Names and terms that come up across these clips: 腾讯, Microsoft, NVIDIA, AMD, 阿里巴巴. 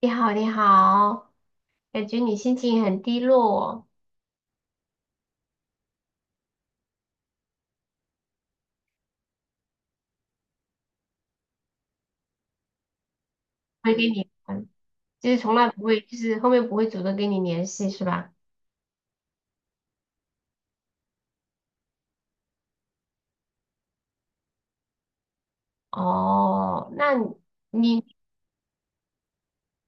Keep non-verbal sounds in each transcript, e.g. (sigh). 你好，你好，感觉你心情很低落。不会跟你，嗯，就是从来不会，就是后面不会主动跟你联系，是吧？哦，你，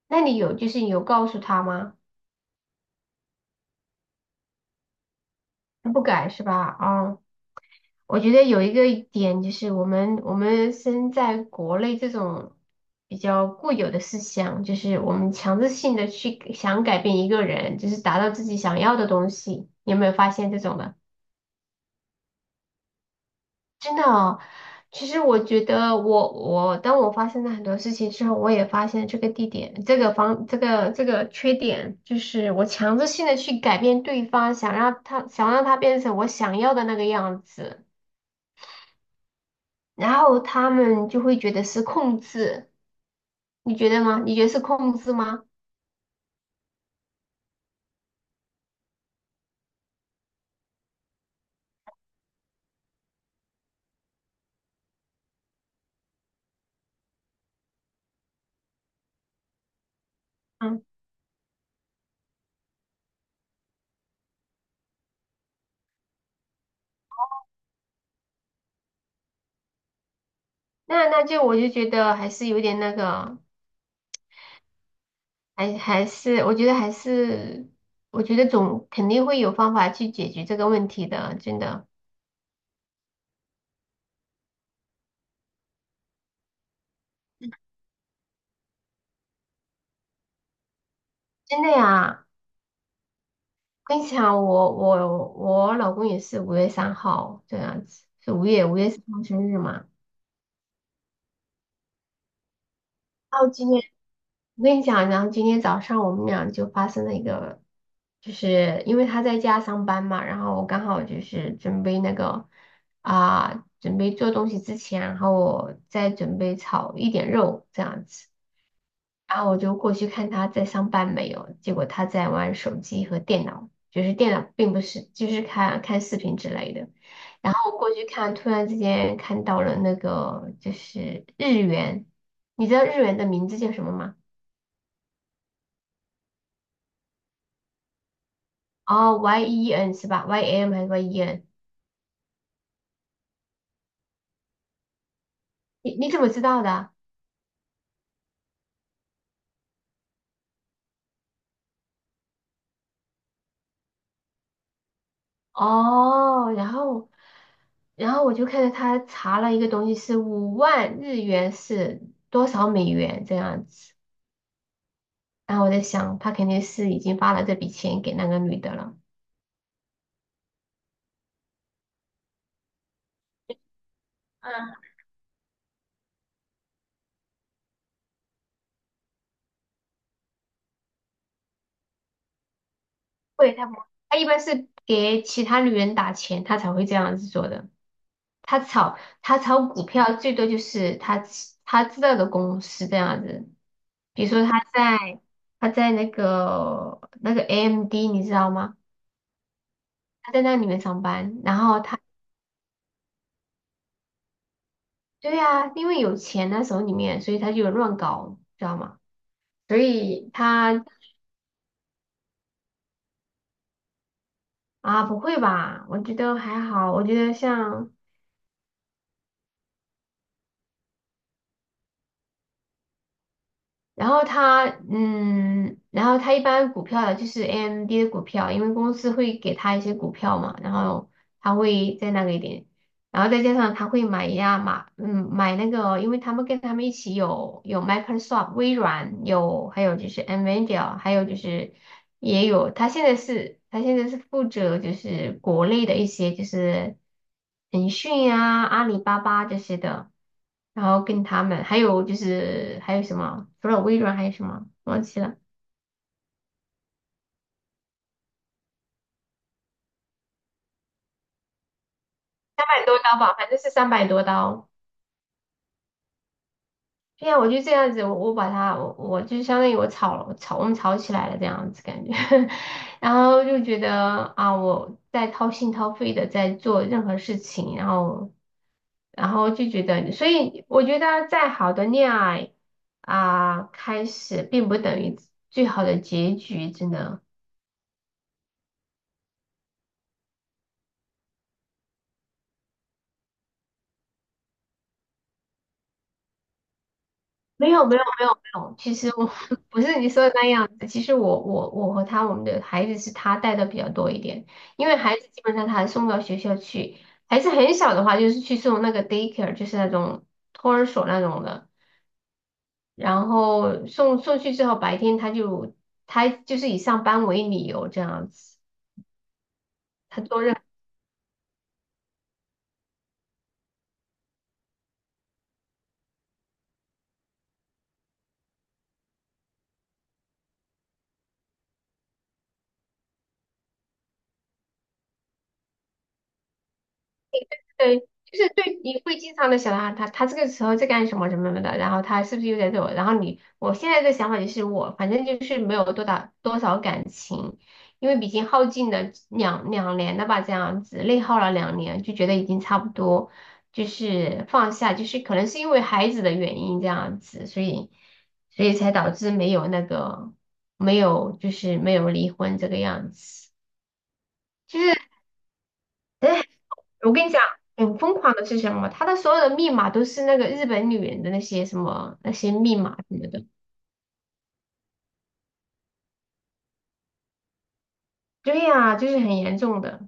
那你有，就是你有告诉他吗？他不改是吧？哦，我觉得有一个点就是我们身在国内这种比较固有的思想，就是我们强制性的去想改变一个人，就是达到自己想要的东西，你有没有发现这种的？真的哦，其实我觉得我当我发现了很多事情之后，我也发现这个地点、这个方、这个这个缺点，就是我强制性的去改变对方，想让他变成我想要的那个样子，然后他们就会觉得是控制，你觉得吗？你觉得是控制吗？嗯，那就我就觉得还是有点那个，还我觉得还是我觉得总肯定会有方法去解决这个问题的，真的真的呀。跟你讲，我老公也是五月三号这样子，是五月三号生日嘛。然后今天我跟你讲，然后今天早上我们俩就发生了一个，就是因为他在家上班嘛，然后我刚好就是准备那个准备做东西之前，然后我再准备炒一点肉这样子。然后我就过去看他在上班没有，结果他在玩手机和电脑，就是电脑并不是，就是看看视频之类的。然后我过去看，突然之间看到了那个就是日元，你知道日元的名字叫什么吗？哦，Y E N 是吧？Y M 还是 Y E N？你怎么知道的？哦，然后我就看到他查了一个东西是50000日元是多少美元这样子。然后我在想，他肯定是已经发了这笔钱给那个女的了。嗯，会，他不，他一般是给其他女人打钱，他才会这样子做的。他炒股票最多就是他知道的公司这样子，比如说他在那个 AMD 你知道吗？他在那里面上班，然后他对呀、因为有钱那手里面，所以他就乱搞，知道吗？所以他啊，不会吧？我觉得还好，我觉得像，然后他一般股票的就是 AMD 的股票，因为公司会给他一些股票嘛，然后他会在那个一点然后再加上他会买呀买，嗯，买那个，因为他们跟他们一起有 Microsoft 微软，有还有就是 NVIDIA，还有就是也有他现在是负责就是国内的一些就是腾讯啊、阿里巴巴这些的，然后跟他们还有就是还有什么，除了微软还有什么忘记了，三百多刀吧，反正是三百多刀。对呀，我就这样子，我把它，我就相当于我吵了，吵我们吵起来了这样子感觉，(laughs) 然后就觉得啊，我在掏心掏肺的在做任何事情，然后就觉得，所以我觉得再好的恋爱啊，开始并不等于最好的结局，真的。没有没有没有没有，其实我 (laughs) 不是你说的那样子。其实我我和他，我们的孩子是他带的比较多一点，因为孩子基本上他还送到学校去，孩子很小的话就是去送那个 daycare，就是那种托儿所那种的。然后送去之后，白天他就是以上班为理由这样子，他做任。对，就是对，你会经常的想到啊他，他这个时候在干什么什么什么的，然后他是不是又在对我？然后你，我现在的想法就是我，反正就是没有多大多少感情，因为毕竟耗尽了两年了吧，这样子内耗了两年，就觉得已经差不多，就是放下，就是可能是因为孩子的原因这样子，所以才导致没有那个没有就是没有离婚这个样子，就是。哎我跟你讲，很疯狂的是什么？他的所有的密码都是那个日本女人的那些什么那些密码什么的。对呀、就是很严重的。是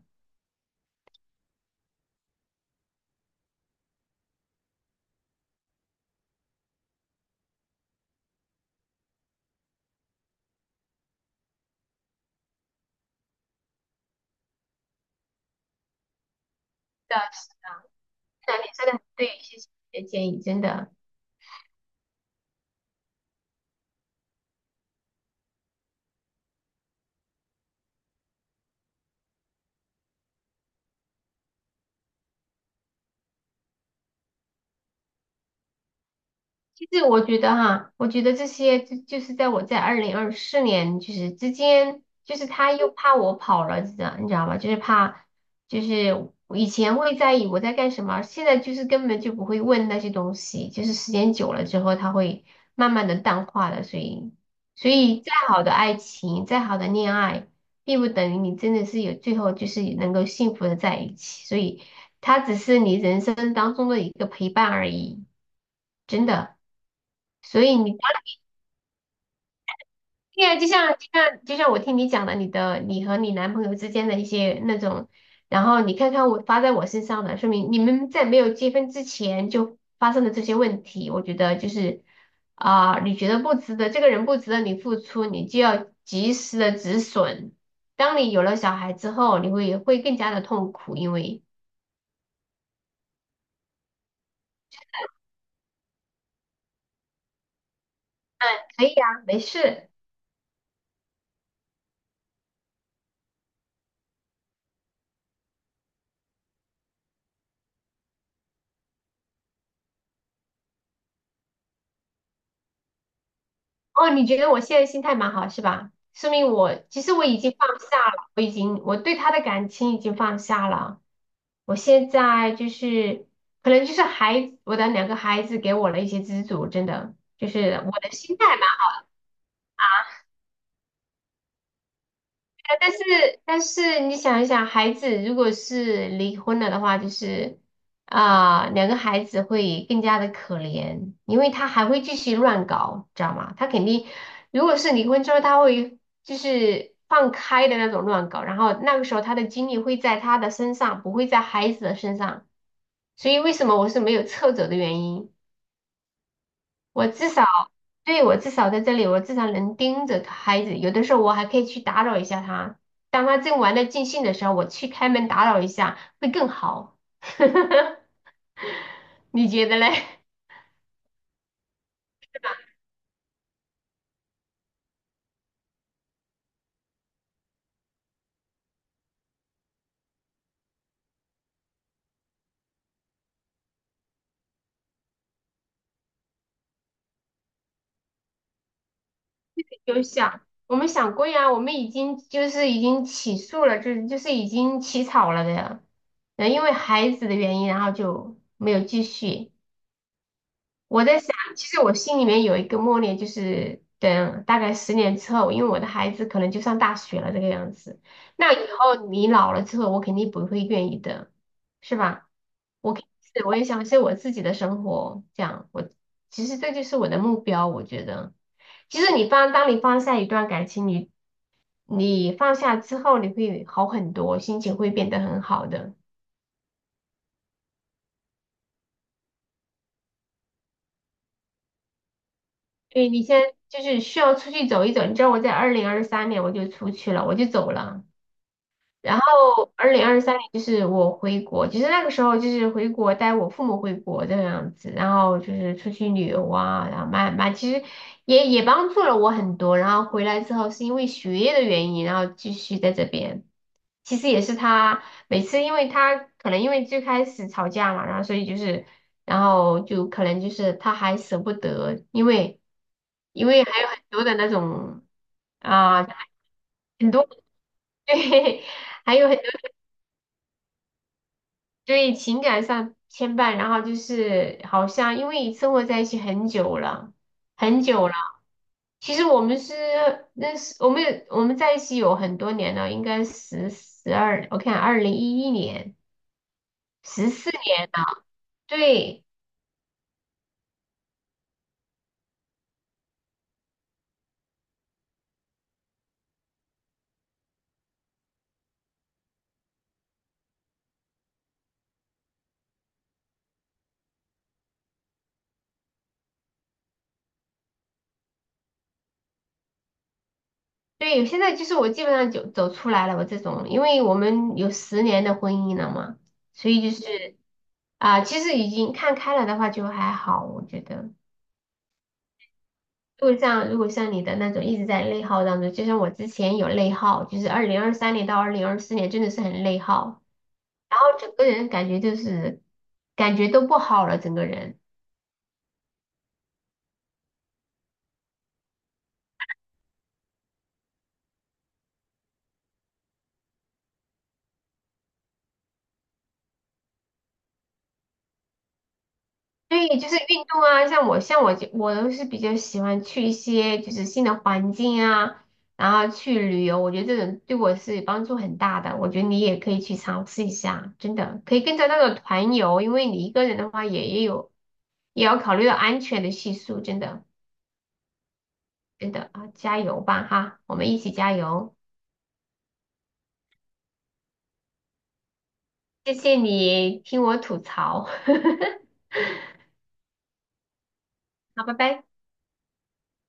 的，是的，你真的很对，谢谢你的建议，真的。其实我觉得哈，我觉得这些就是在我在二零二四年就是之间，就是他又怕我跑了，你知道吧？就是怕，就是我以前会在意我在干什么，现在就是根本就不会问那些东西，就是时间久了之后，他会慢慢的淡化的。所以，再好的爱情，再好的恋爱，并不等于你真的是有最后就是能够幸福的在一起，所以他只是你人生当中的一个陪伴而已，真的。所以你对呀，就像就像我听你讲的，你的你和你男朋友之间的一些那种，然后你看看我发在我身上的，说明你们在没有结婚之前就发生了这些问题。我觉得就是啊、你觉得不值得，这个人不值得你付出，你就要及时的止损。当你有了小孩之后，会更加的痛苦，因为可以啊，没事。哦，你觉得我现在心态蛮好是吧？说明我其实我已经放下了，我已经我对他的感情已经放下了。我现在就是可能就是孩子，我的两个孩子给我了一些资助，真的就是我的心态哎但是你想一想，孩子如果是离婚了的话，就是啊、两个孩子会更加的可怜，因为他还会继续乱搞，知道吗？他肯定，如果是离婚之后，他会就是放开的那种乱搞，然后那个时候他的精力会在他的身上，不会在孩子的身上，所以为什么我是没有撤走的原因。我至少，对，我至少在这里，我至少能盯着孩子。有的时候我还可以去打扰一下他，当他正玩的尽兴的时候，我去开门打扰一下，会更好。(laughs) 你觉得嘞？(laughs) 有想，我们想过呀，我们已经就是已经起诉了，就是已经起草了的，然后因为孩子的原因，然后就没有继续。我在想，其实我心里面有一个默念，就是等大概十年之后，因为我的孩子可能就上大学了这个样子。那以后你老了之后，我肯定不会愿意的，是吧？我肯定是我也想是我自己的生活，这样我其实这就是我的目标，我觉得。其实你放，当你放下一段感情，你放下之后，你会好很多，心情会变得很好的。对，你先就是需要出去走一走。你知道我在二零二三年我就出去了，我就走了。然后二零二三年就是我回国，其实那个时候就是回国带我父母回国这样子，然后就是出去旅游啊，然后慢慢其实也帮助了我很多。然后回来之后是因为学业的原因，然后继续在这边。其实也是他每次，因为他可能因为最开始吵架嘛，然后所以就是，然后就可能就是他还舍不得，因为还有很多的那种啊、很多 (laughs) 对，还有很。对情感上牵绊，然后就是好像因为生活在一起很久了，很久了。其实我们是认识，我们有我们在一起有很多年了，应该十二，我看2011年，14年了。对对，现在就是我基本上就走出来了，我这种，因为我们有十年的婚姻了嘛，所以就是啊、其实已经看开了的话就还好，我觉得。如果像你的那种一直在内耗当中，就像我之前有内耗，就是2023年到2024年真的是很内耗，然后整个人感觉就是感觉都不好了，整个人。对，就是运动啊，像我就我都是比较喜欢去一些就是新的环境啊，然后去旅游，我觉得这种对我是帮助很大的。我觉得你也可以去尝试一下，真的可以跟着那个团游，因为你一个人的话也有也要考虑到安全的系数，真的。真的啊，加油吧哈，我们一起加油！谢谢你听我吐槽，(laughs) 好，拜拜。